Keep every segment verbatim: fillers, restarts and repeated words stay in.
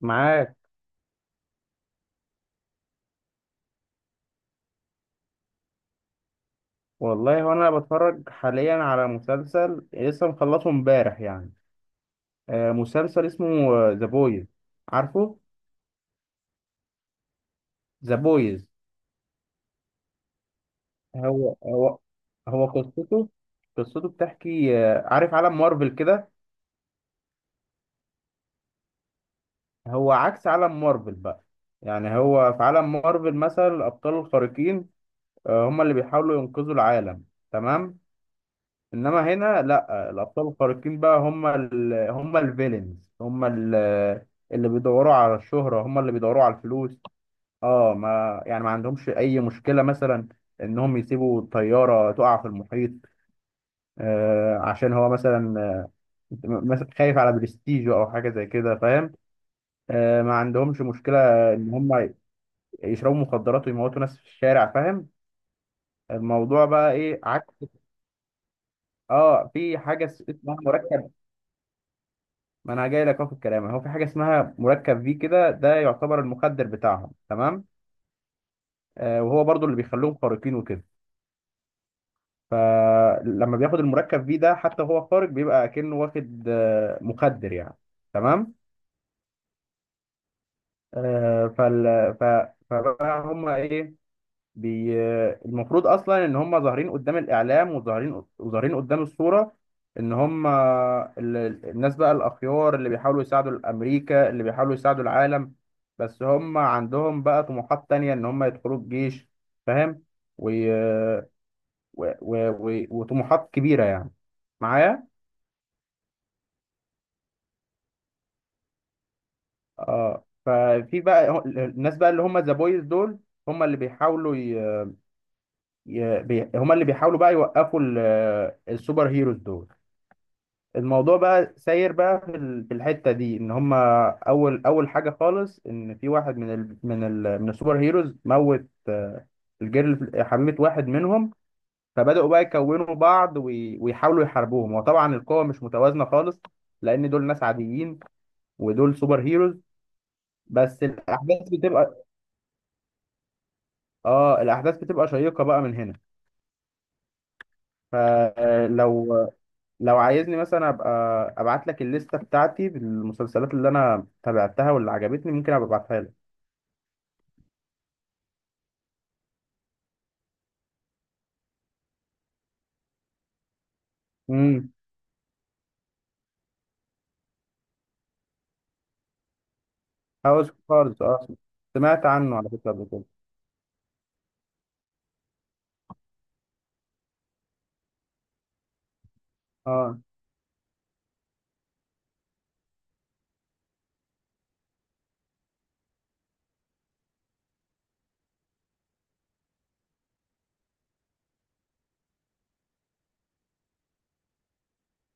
معاك والله هو انا بتفرج حاليا على مسلسل لسه مخلصه امبارح يعني. آه، مسلسل اسمه ذا بويز. عارفه؟ ذا بويز. هو هو هو قصته قصته بتحكي، آه، عارف عالم مارفل كده؟ هو عكس عالم مارفل بقى. يعني هو في عالم مارفل مثلا الابطال الخارقين، آه، هم اللي بيحاولوا ينقذوا العالم، تمام. انما هنا لا، الابطال الخارقين بقى هم ال... هم الفيلنز، هم ال... اللي بيدوروا على الشهرة، هم اللي بيدوروا على الفلوس. اه، ما يعني ما عندهمش اي مشكلة مثلا انهم يسيبوا الطيارة تقع في المحيط، آه عشان هو مثلا م- مثلا خايف على برستيجه او حاجة زي كده، فاهم. آه ما عندهمش مشكلة ان هم يشربوا مخدرات ويموتوا ناس في الشارع، فاهم. الموضوع بقى ايه عكس. اه، في حاجة اسمها مركب، ما انا جاي لك اهو في الكلام. هو في حاجه اسمها مركب في كده، ده يعتبر المخدر بتاعهم، تمام. آه وهو برضو اللي بيخليهم خارقين وكده. فلما بياخد المركب في ده حتى وهو خارق بيبقى كأنه واخد آه مخدر يعني، تمام. آه فال ف فبقى هم ايه؟ بي... المفروض اصلا ان هم ظاهرين قدام الاعلام وظاهرين وظاهرين قدام الصوره، ان هم ال... الناس بقى الاخيار اللي بيحاولوا يساعدوا الامريكا، اللي بيحاولوا يساعدوا العالم. بس هم عندهم بقى طموحات تانية ان هم يدخلوا الجيش، فاهم. و... و... و... و... وطموحات كبيره يعني. معايا اه، ففي بقى هو- الناس بقى اللي هم ذا بويز دول هم اللي بيحاولوا ي... ي... بي... هم اللي بيحاولوا بقى يوقفوا ال... السوبر هيروز دول. الموضوع بقى ساير بقى في ال- في الحته دي، ان هما اول اول حاجه خالص، ان في واحد من ال من ال من السوبر هيروز موت، آه، الجيرل حميت واحد منهم. فبداوا بقى يكونوا بعض وي- ويحاولوا يحاربوهم، وطبعا القوه مش متوازنه خالص، لان دول ناس عاديين ودول سوبر هيروز. بس الاحداث بتبقى، اه الاحداث بتبقى شيقه بقى من هنا. فلو لو عايزني مثلا ابقى ابعت لك الليسته بتاعتي بالمسلسلات اللي انا تابعتها واللي عجبتني، ممكن ابقى ابعتها لك. امم. هاوس كارز، اه سمعت عنه على فكره قبل كده. اه.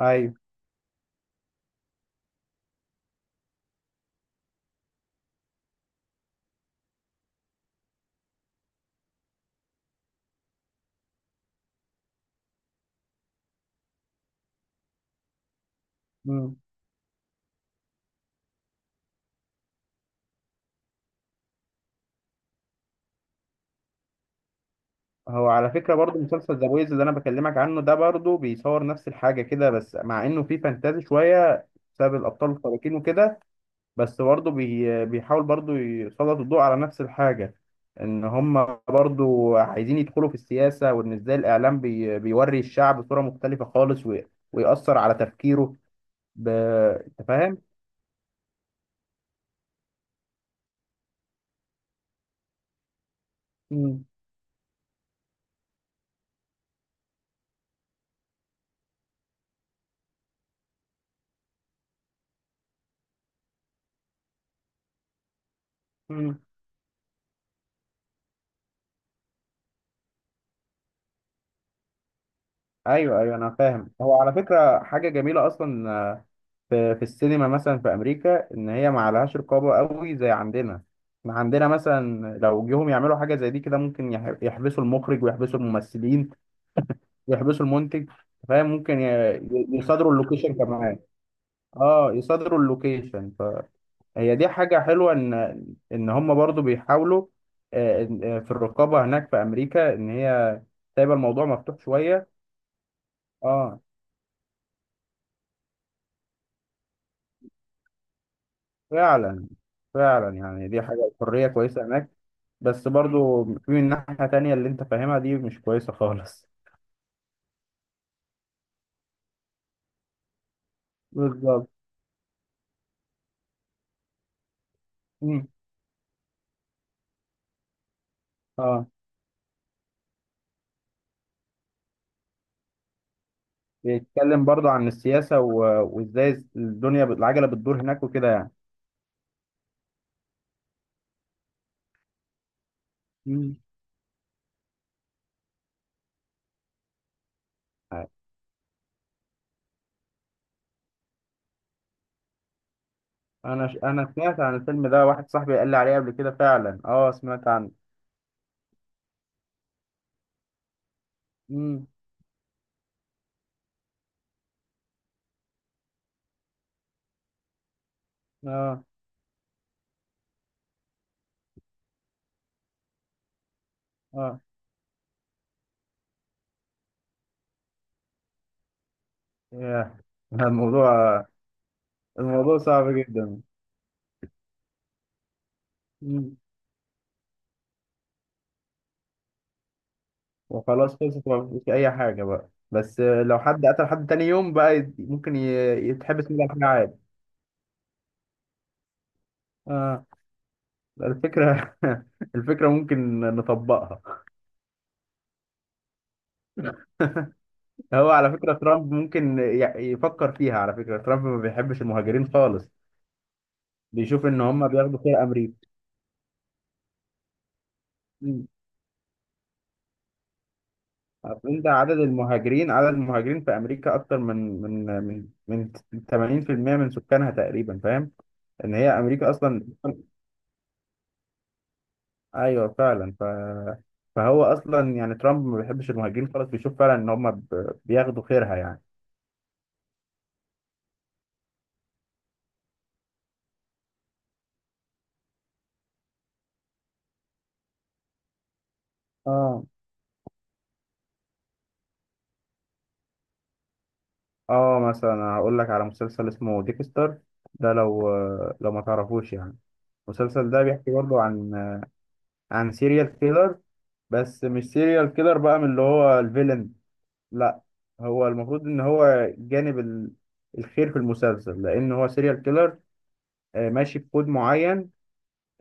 ايوه. امم. هو على فكره برضو مسلسل ذا بويز اللي انا بكلمك عنه ده برضو بيصور نفس الحاجه كده، بس مع انه فيه فانتازي شويه بسبب الابطال الخارقين وكده. بس برضو بي... بيحاول برضو يسلط الضوء على نفس الحاجه، ان هم برضو عايزين يدخلوا في السياسه، وان ازاي الاعلام بي... بيوري الشعب صوره مختلفه خالص و... ويأثر على تفكيره. ب... انت فاهم؟ امم. ايوه، ايوه انا فاهم. هو على فكره حاجه جميله اصلا، آه، في في السينما مثلا في امريكا ان هي ما عليهاش رقابه قوي زي عندنا. احنا عندنا مثلا لو جيهم يعملوا حاجه زي دي كده، ممكن يح- يحبسوا المخرج ويحبسوا الممثلين ويحبسوا المنتج، فاهم. ممكن ي- ي- يصادروا اللوكيشن كمان. اه، يصادروا اللوكيشن، فهي دي حاجه حلوه، ان ان هم برضو بيحاولوا، آه، إن- آه، في الرقابه هناك في امريكا ان هي سايبه الموضوع مفتوح شويه. اه، فعلا، فعلا يعني دي حاجة الحرية كويسة هناك. بس برضو في من ناحية تانية اللي انت فاهمها دي مش كويسة خالص. بالظبط. مم. اه، بيتكلم برضو عن السياسة و... وازاي الدنيا بت- العجلة بتدور هناك وكده يعني. مم. انا ش... انا سمعت عن الفيلم ده، واحد صاحبي قال لي عليه قبل كده فعلا. اه، سمعت عنه. مم. اه. اه. ياه. الموضوع الموضوع صعب جدا. مم. وخلاص خلصت، ما فيش اي حاجه بقى، بس آه، لو حد قتل حد تاني يوم بقى، يت- ممكن ي- يتحبس منه على حاجه عادي. اه. الفكره. الفكره ممكن نطبقها. هو على فكره، ترامب ممكن ي- يفكر فيها. على فكره ترامب ما بيحبش المهاجرين خالص، بيشوف ان هم بياخدوا خير امريكا. مم. أصل انت، عدد المهاجرين عدد المهاجرين في امريكا اكتر من من من من ثمانين في المئة من سكانها تقريبا، فاهم. ان هي امريكا اصلا. ايوه، فعلا. ف... فهو اصلا يعني ترامب ما بيحبش المهاجرين خالص، بيشوف فعلا ان هم ب... بياخدوا خيرها يعني. اه. اه، مثلا هقول لك على مسلسل اسمه ديكستر. ده لو لو ما تعرفوش يعني. المسلسل ده بيحكي برضه عن عن سيريال كيلر، بس مش سيريال كيلر بقى من اللي هو الفيلن. لا، هو المفروض ان هو جانب ال... الخير في المسلسل، لان هو سيريال كيلر ماشي بكود معين،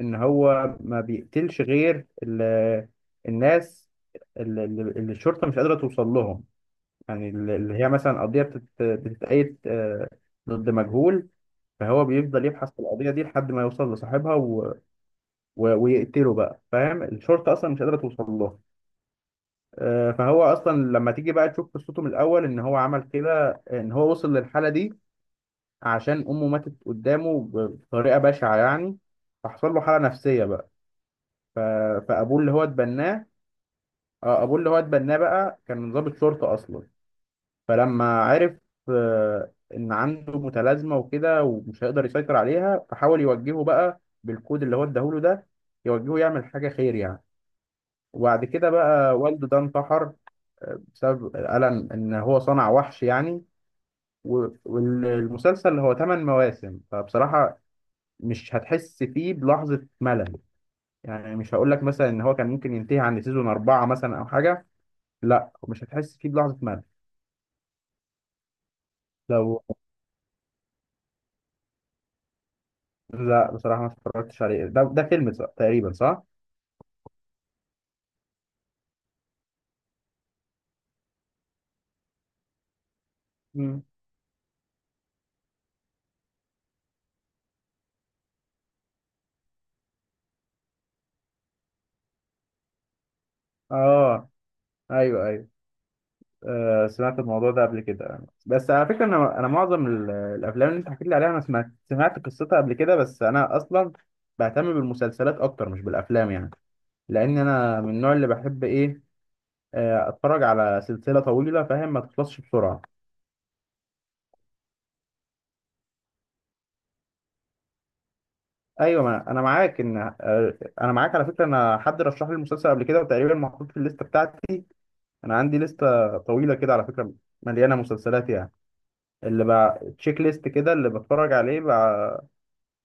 ان هو ما بيقتلش غير ال- الناس اللي اللي- اللي الشرطه مش قادره توصل لهم. يعني اللي اللي هي مثلا قضيه بتت- بتتقيد آه، ضد مجهول. فهو بيفضل يبحث في القضيه دي لحد ما يوصل لصاحبها و... و... ويقتله بقى، فاهم. الشرطه اصلا مش قادره توصل له. آه، فهو اصلا لما تيجي بقى تشوف قصته من الاول ان هو عمل كده، آه، ان هو وصل للحاله دي عشان امه ماتت قدامه بطريقه بشعه يعني. فحصل له حاله نفسيه بقى. ف... فابوه اللي هو اتبناه، آه، ابوه اللي هو اتبناه بقى كان ضابط شرطه اصلا. فلما عرف آه، ان عنده متلازمه وكده ومش هيقدر يسيطر عليها، فحاول يوجهه بقى بالكود اللي هو اداهوله ده، يوجهه يعمل حاجه خير يعني. وبعد كده بقى والده ده انتحر، آه، بسبب الم ان هو صنع وحش يعني. و- والمسلسل هو تمن مواسم، فبصراحه مش هتحس فيه بلحظه ملل. يعني مش هقول لك مثلا ان هو كان ممكن ينتهي عند سيزون اربعه مثلا او حاجه، لا مش هتحس فيه بلحظه ملل. لو لا بصراحة ما اتفرجتش عليه. ده ده فيلم صح- تقريبا صح؟ مم. اه. ايوه، ايوه. آه سمعت الموضوع ده قبل كده، بس على فكرة انا انا معظم ال- الافلام اللي انت حكيت لي عليها، انا سمعت سمعت قصتها قبل كده، بس انا اصلا بهتم بالمسلسلات اكتر مش بالافلام يعني. لان انا من النوع اللي بحب ايه، آه اتفرج على سلسلة طويلة، فاهم. ما تخلصش بسرعة. ايوه، ما انا معاك، ان آه انا معاك على فكرة. انا حد رشح لي المسلسل قبل كده وتقريبا محطوط في الليستة بتاعتي. انا عندي لستة طويلة كده على فكرة، مليانة مسلسلات يعني. اللي بقى تشيك ليست كده اللي بتفرج عليه، بقى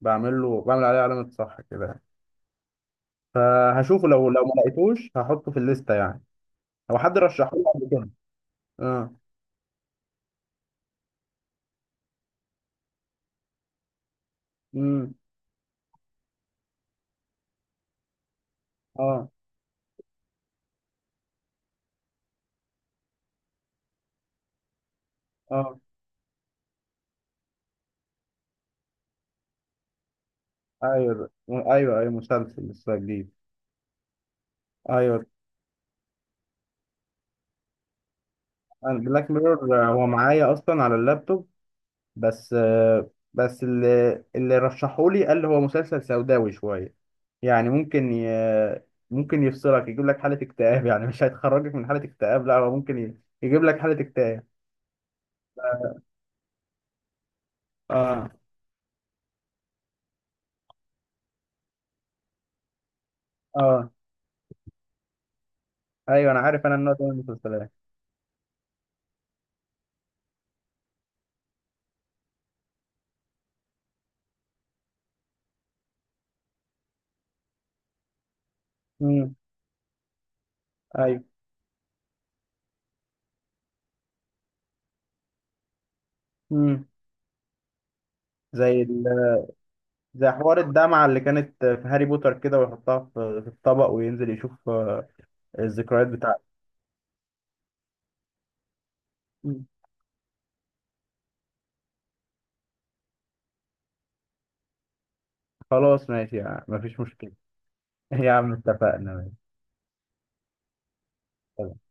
بعمل له بعمل عليه علامة صح كده يعني. فهشوفه، لو لو ما لقيتوش هحطه في الليستة يعني، او حد رشحه لي قبل كده. اه. امم. اه. اه. ايوه ده. ايوه، ايوه، مسلسل لسه جديد. ايوه. انا بلاك ميرور هو معايا اصلا على اللابتوب، بس آه، بس اللي اللي رشحولي قال هو مسلسل سوداوي شوية. يعني ممكن ي... ممكن يفصلك يجيب لك حالة اكتئاب يعني، مش هيخرجك من حالة اكتئاب، لا هو ممكن ي... يجيب لك حالة اكتئاب. اه. اه، ايوه انا عارف انا النوع ده من المسلسلات. امم. ايوه. امم. زي ال... زي حوار الدمعة اللي كانت في هاري بوتر كده، ويحطها في في الطبق وينزل يشوف آه، الذكريات بتاعته. مم. خلاص ماشي يعني مفيش مشكلة. يا عم اتفقنا. ماشي.